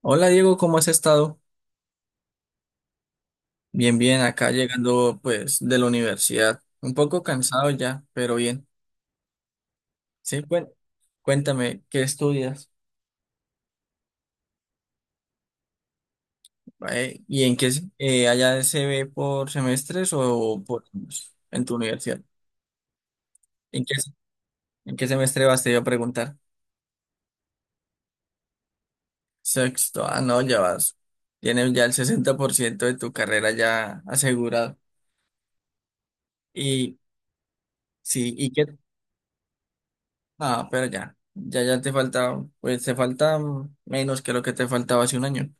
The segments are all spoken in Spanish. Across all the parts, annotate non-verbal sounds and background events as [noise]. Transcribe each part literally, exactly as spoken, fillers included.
Hola Diego, ¿cómo has estado? Bien, bien, acá llegando pues de la universidad. Un poco cansado ya, pero bien. Sí, cuen- cuéntame, ¿qué estudias? Eh, ¿y en qué se- eh, allá se ve por semestres o por años en tu universidad? ¿En qué, ¿En qué semestre vas? Te iba a preguntar. Sexto, ah, no, ya vas. Tienes ya el sesenta por ciento de tu carrera ya asegurado. Y sí, ¿y qué? Ah, pero ya, ya, ya te falta, pues te falta menos que lo que te faltaba hace un año.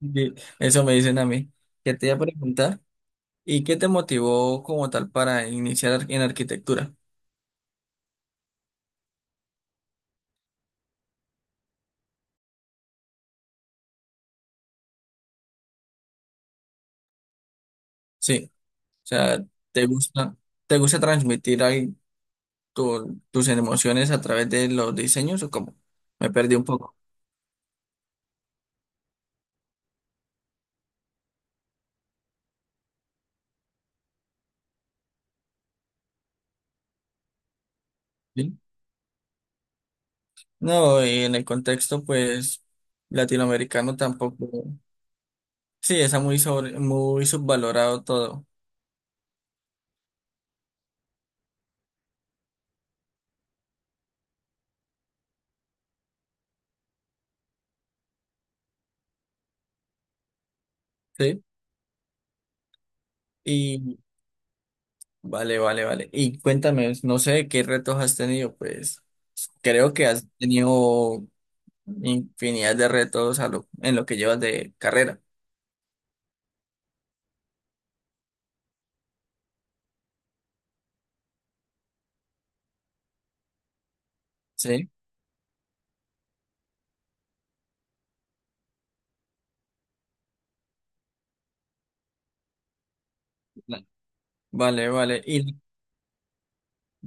Di- Eso me dicen a mí. ¿Qué te iba a preguntar, ¿y qué te motivó como tal para iniciar ar- en arquitectura? Sí, o sea, ¿te gusta, ¿te gusta transmitir ahí tu- tus emociones a través de los diseños o cómo? Me perdí un poco. ¿Sí? No, y en el contexto, pues, latinoamericano tampoco. Sí, está muy sobre, muy subvalorado todo. Sí. Vale, vale, vale. Y cuéntame, no sé qué retos has tenido, pues creo que has tenido infinidad de retos a lo- en lo que llevas de carrera, ¿sí? Va- Vale, vale. Y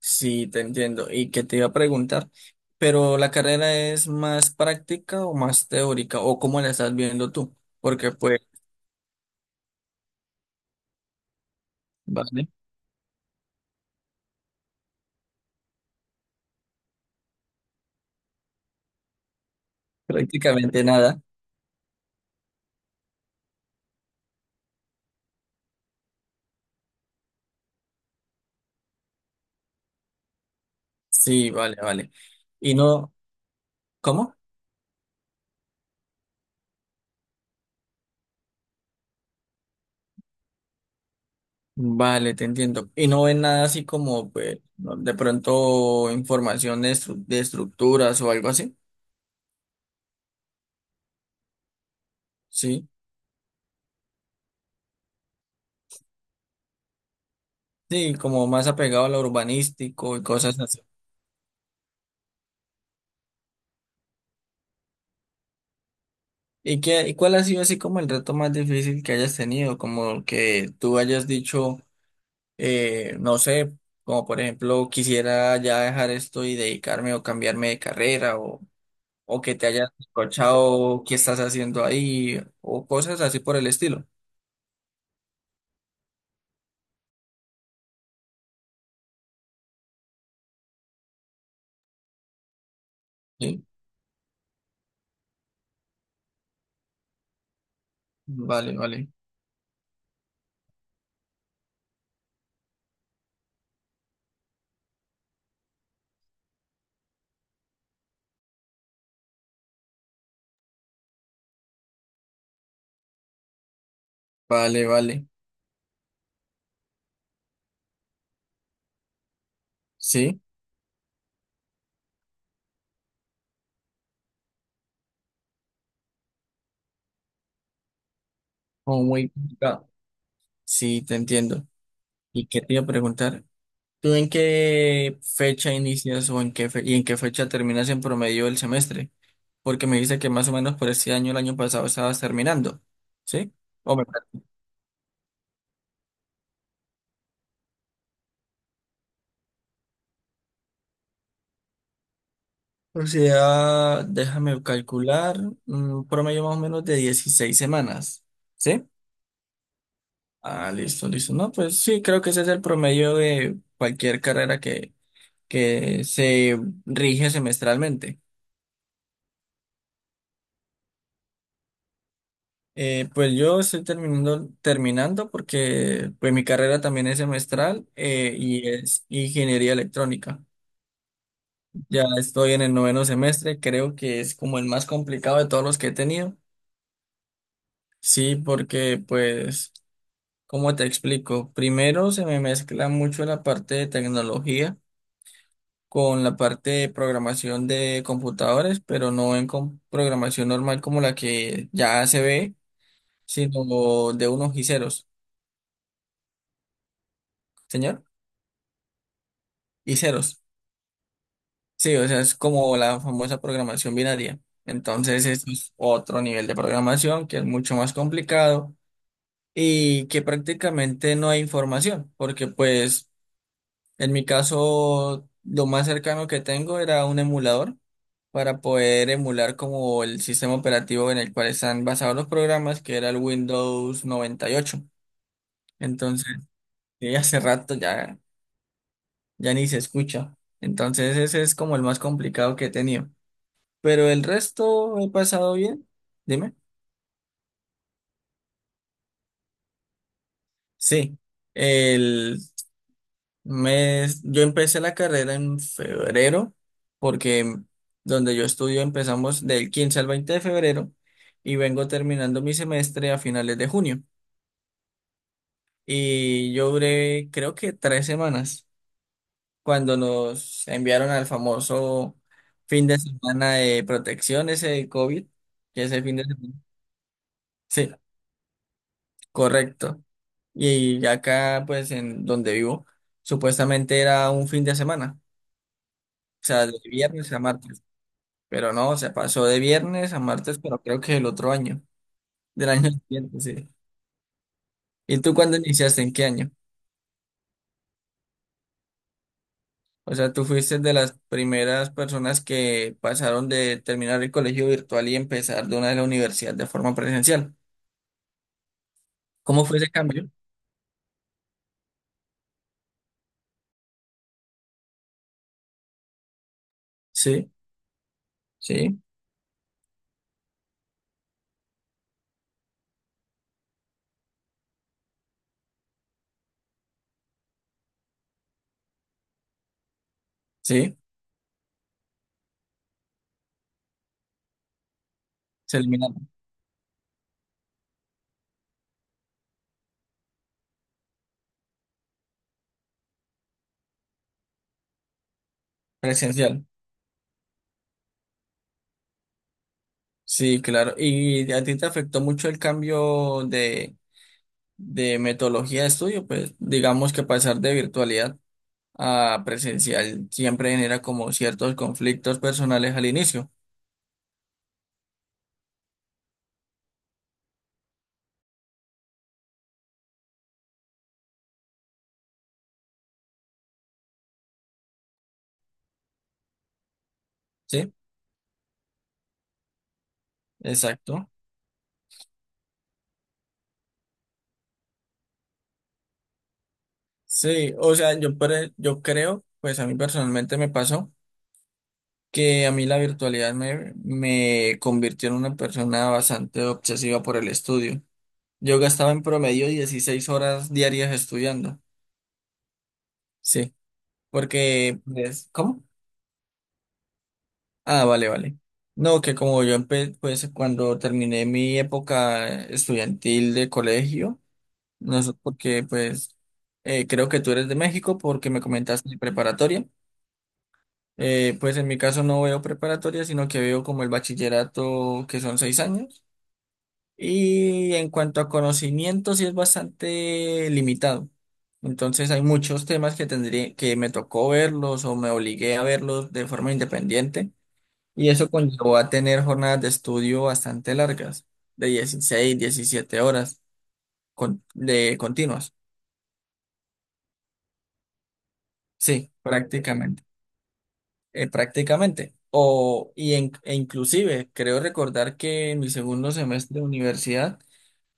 sí, te entiendo. Y que te iba a preguntar, pero ¿la carrera es más práctica o más teórica? ¿O cómo la estás viendo tú? Porque pues, vale, prácticamente nada. Sí, vale, vale. Y no, ¿cómo? Vale, te entiendo. Y no ven nada así como, pues, no- de pronto información de, estru- de estructuras o algo así. Sí, sí, como más apegado a lo urbanístico y cosas así. ¿Y qué, y cuál ha sido así como el reto más difícil que hayas tenido? Como que tú hayas dicho, eh, no sé, como por ejemplo, quisiera ya dejar esto y dedicarme o cambiarme de carrera o, o que te hayas escuchado qué estás haciendo ahí o cosas así por el estilo. Sí, vale, vale. Vale, vale. Sí, como muy complicado. Sí, te entiendo. ¿Y qué te iba a preguntar? ¿Tú en qué fecha inicias o en qué fe- y en qué fecha terminas en promedio el semestre? Porque me dice que más o menos por este año, el año pasado, estabas terminando. ¿Sí? O me... O sea, déjame calcular, un promedio más o menos de dieciséis semanas. ¿Sí? Ah, listo, listo. No, pues sí, creo que ese es el promedio de cualquier carrera que, que se rige semestralmente. Eh, pues yo estoy terminando, terminando porque pues mi carrera también es semestral, eh, y es ingeniería electrónica. Ya estoy en el noveno semestre, creo que es como el más complicado de todos los que he tenido. Sí, porque pues, ¿cómo te explico? Primero se me mezcla mucho la parte de tecnología con la parte de programación de computadores, pero no en com- programación normal como la que ya se ve, sino de unos y ceros, señor, y ceros. Sí, o sea, es como la famosa programación binaria. Entonces, eso es otro nivel de programación que es mucho más complicado y que prácticamente no hay información, porque pues en mi caso lo más cercano que tengo era un emulador para poder emular como el sistema operativo en el cual están basados los programas, que era el Windows noventa y ocho. Entonces, sí, hace rato ya, ya ni se escucha. Entonces, ese es como el más complicado que he tenido. Pero el resto he pasado bien. Dime. Sí. El mes, yo empecé la carrera en febrero, porque donde yo estudio empezamos del quince al veinte de febrero y vengo terminando mi semestre a finales de junio. Y yo duré, creo que tres semanas, cuando nos enviaron al famoso fin de semana de protección, ese de COVID, que ese fin de semana. Sí, correcto. Y acá, pues, en donde vivo, supuestamente era un fin de semana, o sea, de viernes a martes, pero no, se pasó de viernes a martes, pero creo que el otro año, [laughs] del año siguiente, sí. ¿Y tú cuándo iniciaste? ¿En qué año? O sea, tú fuiste de las primeras personas que pasaron de terminar el colegio virtual y empezar de una de la universidad de forma presencial. ¿Cómo fue ese cambio? Sí, sí, sí, se eliminaron. Presencial. Sí, claro. ¿Y a ti te afectó mucho el cambio de de metodología de estudio, pues digamos que pasar de virtualidad a presencial siempre genera como ciertos conflictos personales al inicio, ¿sí? Exacto. Sí, o sea, yo, pre- yo creo, pues a mí personalmente me pasó que a mí la virtualidad me, me convirtió en una persona bastante obsesiva por el estudio. Yo gastaba en promedio dieciséis horas diarias estudiando, sí, porque, pues, ¿cómo? Ah, vale, vale. No, que como yo empe pues cuando terminé mi época estudiantil de colegio, no sé porque pues eh, creo que tú eres de México porque me comentaste de preparatoria. Eh, pues en mi caso no veo preparatoria, sino que veo como el bachillerato que son seis años. Y en cuanto a conocimiento, sí es bastante limitado. Entonces hay muchos temas que tendría, que me tocó verlos o me obligué a verlos de forma independiente y eso conllevó a tener jornadas de estudio bastante largas, de dieciséis diecisiete horas con- de continuas. Sí, prácticamente. Eh, prácticamente. O, y en- e inclusive, creo recordar que en mi segundo semestre de universidad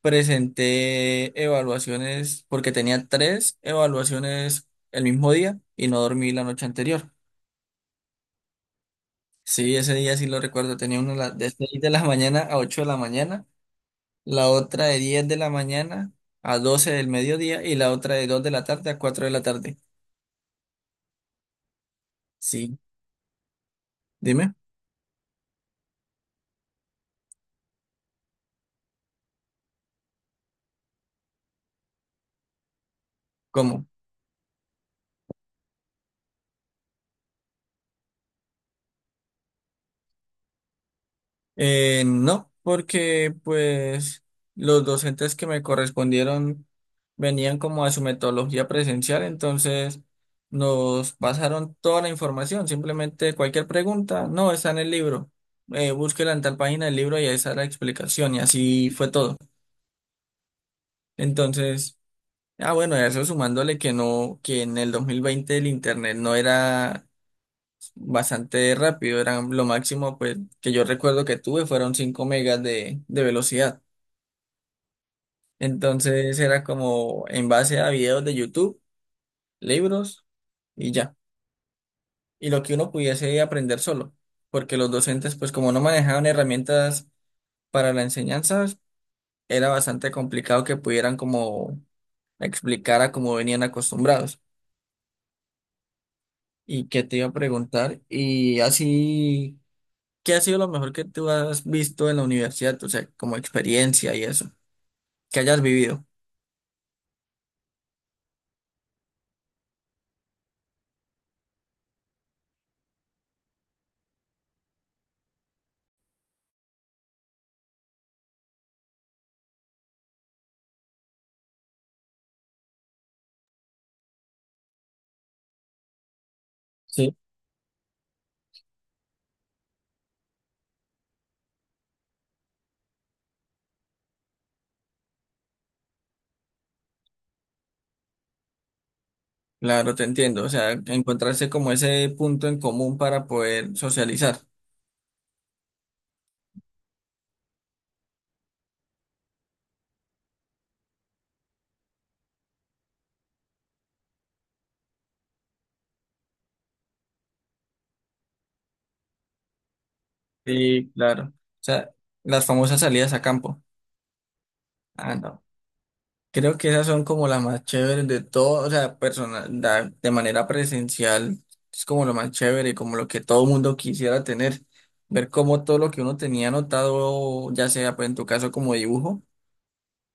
presenté evaluaciones, porque tenía tres evaluaciones el mismo día y no dormí la noche anterior. Sí, ese día sí lo recuerdo, tenía una la- de seis de la mañana a ocho de la mañana, la otra de diez de la mañana a doce del mediodía y la otra de dos de la tarde a cuatro de la tarde. Sí, dime, ¿cómo? Eh, no, porque pues los docentes que me correspondieron venían como a su metodología presencial, entonces nos pasaron toda la información, simplemente cualquier pregunta, no, está en el libro, eh, búsquela en tal página del libro y ahí está la explicación y así fue todo. Entonces... Ah, bueno, eso sumándole que no, que en el dos mil veinte el internet no era bastante rápido, eran lo máximo pues que yo recuerdo que tuve fueron cinco megas de, de velocidad. Entonces era como en base a videos de YouTube, libros y ya. Y lo que uno pudiese aprender solo, porque los docentes pues como no manejaban herramientas para la enseñanza, era bastante complicado que pudieran como explicar a como venían acostumbrados. ¿Y qué te iba a preguntar? Y así, ¿qué ha sido lo mejor que tú has visto en la universidad? O sea, como experiencia y eso, que hayas vivido. Sí. Claro, te entiendo. O sea, encontrarse como ese punto en común para poder socializar. Sí, claro. O sea, las famosas salidas a campo. Ah, no. Creo que esas son como las más chéveres de todo, o sea, personal, da- de manera presencial, es como lo más chévere, como lo que todo mundo quisiera tener, ver cómo todo lo que uno tenía anotado, ya sea pues en tu caso como dibujo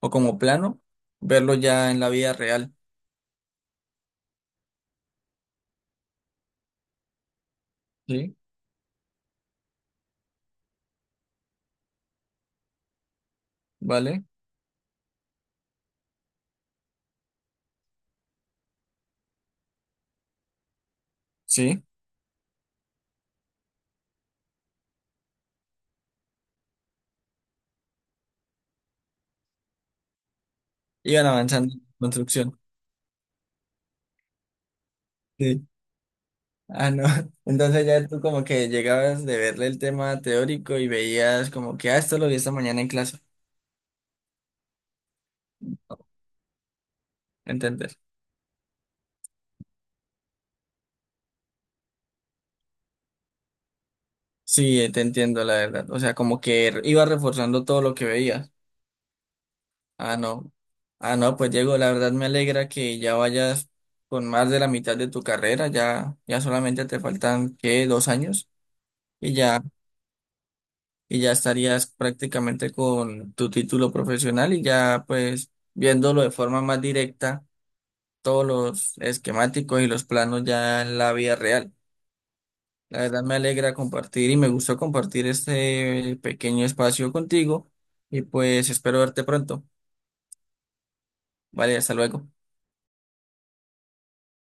o como plano, verlo ya en la vida real. Sí, ¿vale? Sí, iban avanzando en construcción. Sí. Ah, no. [laughs] Entonces ya tú como que llegabas de verle el tema teórico y veías como que, ah, esto lo vi esta mañana en clase, ¿entendés? Sí, eh, te entiendo, la verdad. O sea, como que r- iba reforzando todo lo que veías. Ah, no. Ah, no, pues Diego, la verdad me alegra que ya vayas con más de la mitad de tu carrera. Ya, ya solamente te faltan, ¿qué? Dos años. Y ya, y ya estarías prácticamente con tu título profesional y ya, pues, viéndolo de forma más directa, todos los esquemáticos y los planos ya en la vida real. La verdad me alegra compartir y me gustó compartir este pequeño espacio contigo y pues espero verte pronto. Vale, hasta luego.